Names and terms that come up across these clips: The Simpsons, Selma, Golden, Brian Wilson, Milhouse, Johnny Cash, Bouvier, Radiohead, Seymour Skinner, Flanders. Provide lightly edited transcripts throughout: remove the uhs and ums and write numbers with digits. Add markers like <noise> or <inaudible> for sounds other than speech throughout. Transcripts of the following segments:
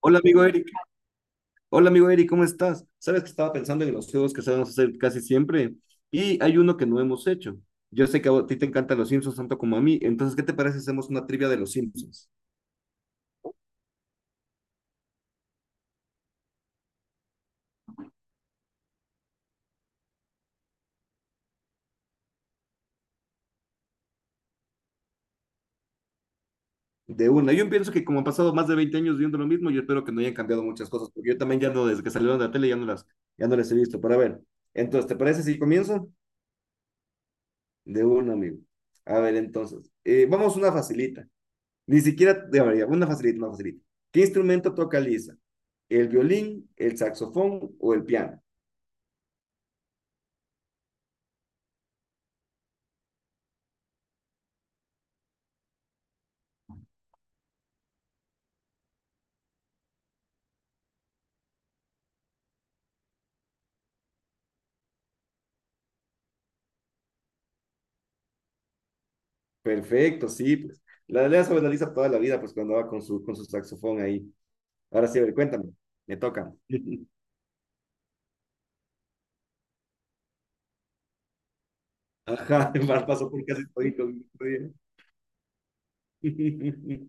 Hola amigo Eric, hola amigo Eric, ¿cómo estás? Sabes que estaba pensando en los juegos que sabemos hacer casi siempre y hay uno que no hemos hecho. Yo sé que a ti te encantan los Simpsons tanto como a mí, entonces ¿qué te parece si hacemos una trivia de los Simpsons? De una. Yo pienso que como han pasado más de 20 años viendo lo mismo, yo espero que no hayan cambiado muchas cosas, porque yo también ya no, desde que salieron de la tele ya no las he visto. Pero a ver, entonces, ¿te parece si comienzo? De una, amigo. A ver, entonces, vamos una facilita. Ni siquiera, a ver, una facilita, una facilita. ¿Qué instrumento toca Lisa? ¿El violín, el saxofón o el piano? Perfecto, sí, pues. La lea sobre la Lisa toda la vida, pues cuando va con su, saxofón ahí. Ahora sí, a ver, cuéntame. Me toca. <laughs> Ajá, pasó por casi todo. <laughs>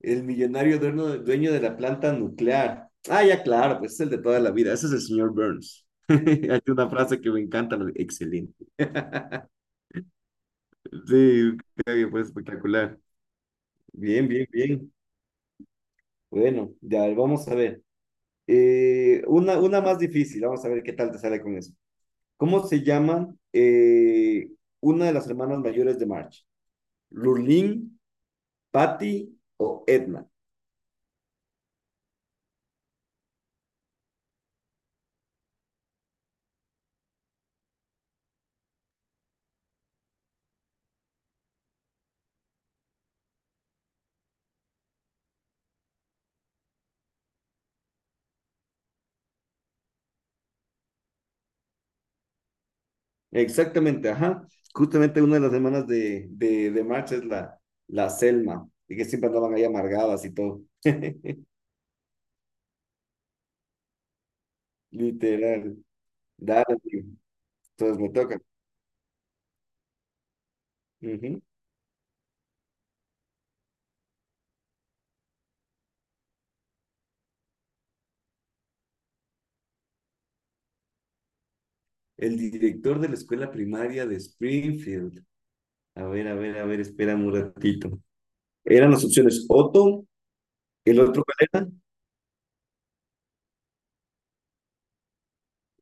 El millonario dueño, dueño de la planta nuclear. Ah, ya claro, pues es el de toda la vida. Ese es el señor Burns. <laughs> Hay una frase que me encanta, excelente. <laughs> Sí, qué bien, fue espectacular. Bien, bien, bien. Bueno, ya vamos a ver. Una más difícil, vamos a ver qué tal te sale con eso. ¿Cómo se llaman una de las hermanas mayores de March? ¿Lurleen, Patty o Edna? Exactamente, ajá. Justamente una de las hermanas de March es la Selma, y que siempre andaban ahí amargadas y todo. <laughs> Literal. Dale, amigo, entonces me toca. Ujú. El director de la escuela primaria de Springfield. A ver, a ver, a ver, espérame un ratito. ¿Eran las opciones Otto, el otro cuál era?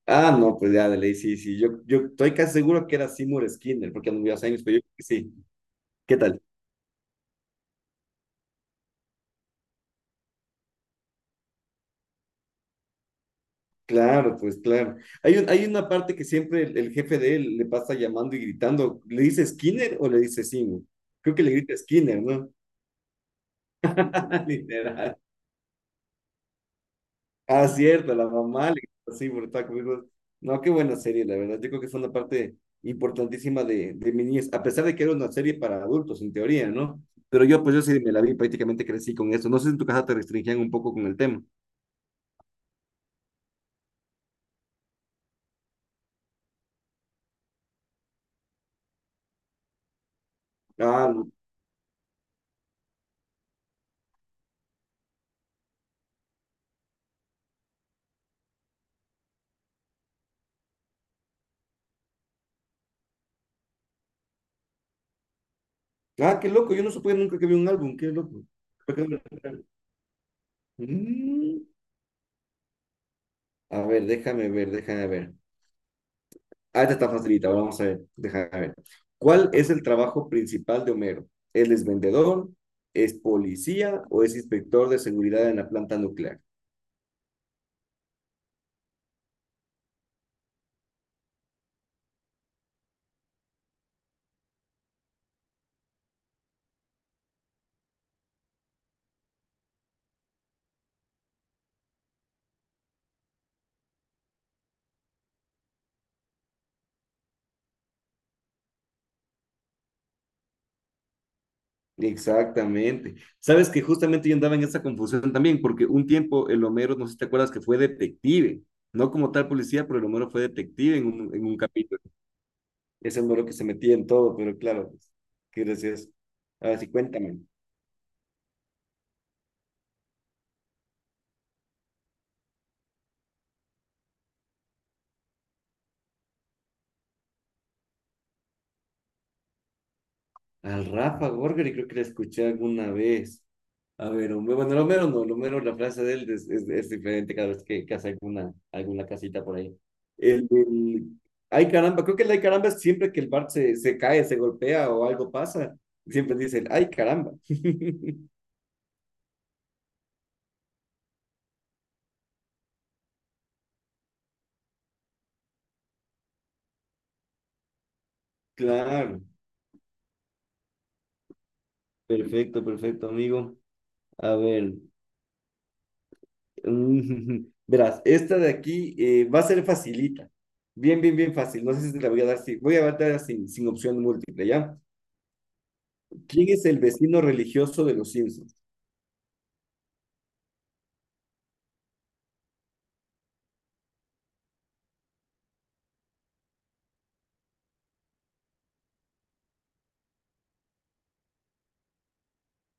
Ah, no, pues ya, de ley, sí, sí. Yo estoy casi seguro que era Seymour Skinner, porque anduve hace años, pero yo creo que sí. ¿Qué tal? Claro, pues claro. Hay un, hay una parte que siempre el jefe de él le pasa llamando y gritando. ¿Le dice Skinner o le dice Seymour? Creo que le grita Skinner, ¿no? <laughs> Literal. Ah, cierto, la mamá, le gritó así brutal conmigo. No, qué buena serie, la verdad. Yo creo que fue una parte importantísima de mi niñez, a pesar de que era una serie para adultos, en teoría, ¿no? Pero yo, pues yo sí me la vi, prácticamente crecí con eso. No sé si en tu casa te restringían un poco con el tema. Ah, lo- ah, qué loco, yo no supe nunca que vi un álbum, qué loco. ¿Por qué no? Mm. A ver, déjame ver, déjame ver. Ah, esta está facilita, ahora vamos a ver. Déjame ver. ¿Cuál es el trabajo principal de Homero? ¿Él es vendedor? ¿Es policía o es inspector de seguridad en la planta nuclear? Exactamente. Sabes que justamente yo andaba en esa confusión también, porque un tiempo el Homero, no sé si te acuerdas, que fue detective, no como tal policía, pero el Homero fue detective en un capítulo. Es el Homero que se metía en todo, pero claro, pues, qué gracioso. A ver, sí, cuéntame. Al Rafa Gorgari creo que la escuché alguna vez. A ver, bueno, el Homero no, el Homero, la frase de él es diferente cada vez que hace alguna casita por ahí. El, del ay caramba, creo que el ay caramba es siempre que el Bart se cae, se golpea o algo pasa, siempre dice el ay caramba. <laughs> Claro, perfecto, perfecto, amigo. A ver, <laughs> verás, esta de aquí va a ser facilita. Bien, bien, bien fácil. No sé si te la voy a dar, si voy a dar sin opción múltiple, ¿ya? ¿Quién es el vecino religioso de los Simpsons?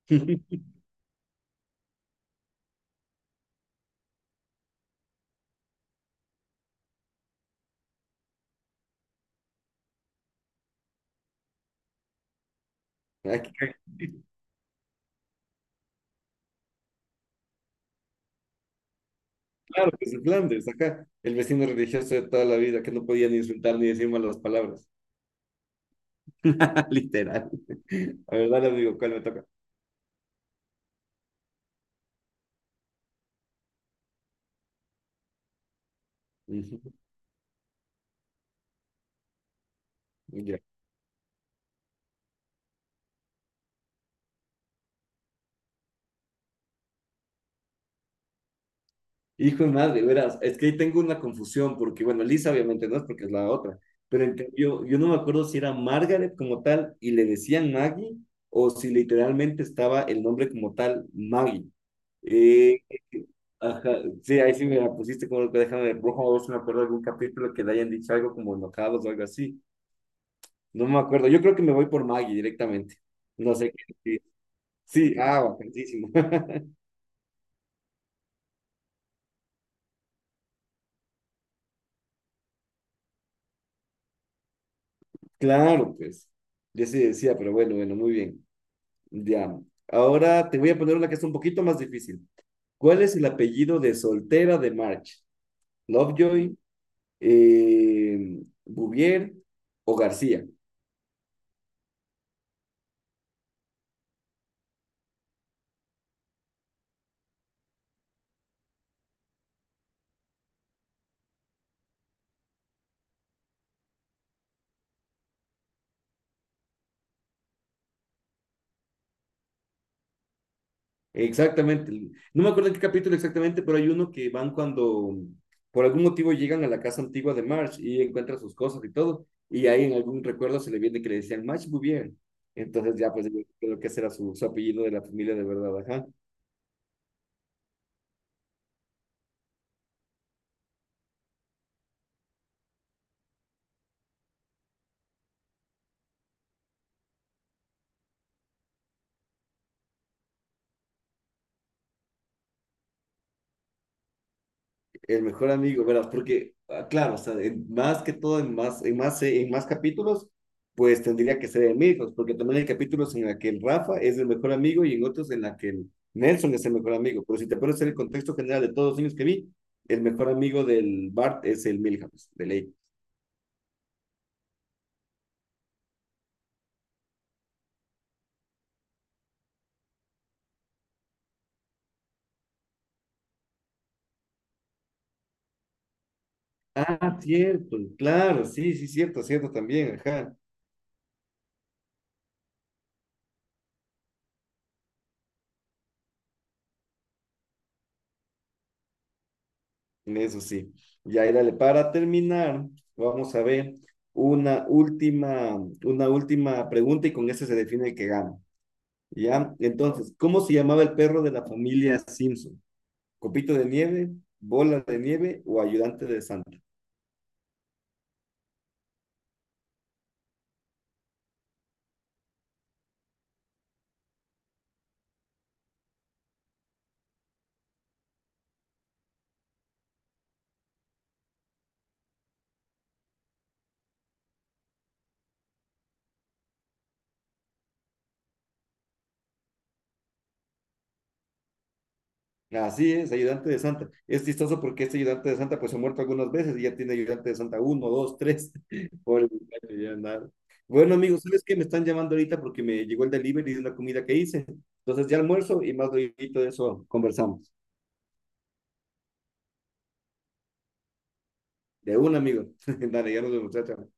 <laughs> Aquí, claro, que es Flanders, acá. El vecino religioso de toda la vida que no podía ni insultar ni decir malas palabras. <laughs> Literal. La verdad, le digo, ¿cuál me toca? <laughs> Ya. Hijo de madre, verás, es que ahí tengo una confusión, porque bueno, Lisa obviamente no es porque es la otra, pero en cambio, yo no me acuerdo si era Margaret como tal y le decían Maggie, o si literalmente estaba el nombre como tal Maggie. Eh, Ajá, sí, ahí sí me la pusiste como que déjame, rojo, si me acuerdo de algún capítulo que le hayan dicho algo como enojados o algo así. No me acuerdo. Yo creo que me voy por Maggie directamente. No sé qué decir. Sí, ah, bacanísimo. <laughs> Claro, pues. Yo sí decía, pero bueno, bueno, muy bien. Ya. Ahora te voy a poner una que es un poquito más difícil. ¿Cuál es el apellido de soltera de March? ¿Lovejoy, Bouvier o García? Exactamente. No me acuerdo en qué capítulo exactamente, pero hay uno que van cuando por algún motivo llegan a la casa antigua de Marge y encuentran sus cosas y todo. Y ahí en algún recuerdo se le viene que le decían Marge muy bien. Entonces ya pues creo que ese era su, apellido de la familia de verdad, ajá. El mejor amigo, ¿verdad? Porque, ah, claro, o sea, más que todo, en más capítulos, pues tendría que ser Milhouse, porque también hay capítulos en la que el Rafa es el mejor amigo y en otros en la que el Nelson es el mejor amigo. Pero si te pones en el contexto general de todos los niños que vi, el mejor amigo del Bart es el Milhouse, de ley. Ah, cierto, claro, sí, sí, cierto, cierto también, ajá. Eso sí. Y ahí dale, para terminar, vamos a ver una última, una última pregunta y con esa se define el que gana. ¿Ya? Entonces, ¿cómo se llamaba el perro de la familia Simpson? ¿Copito de nieve, bola de nieve o ayudante de Santa? Así es, ayudante de Santa. Es chistoso porque este ayudante de Santa pues se ha muerto algunas veces y ya tiene ayudante de Santa uno, 2, 3. <laughs> Pobre muchacho, ya nada. Bueno, amigos, ¿sabes qué? Me están llamando ahorita porque me llegó el delivery de una comida que hice. Entonces ya almuerzo y más luego de eso conversamos. De un amigo. <laughs> Dale, ya nos vemos, chao, chao.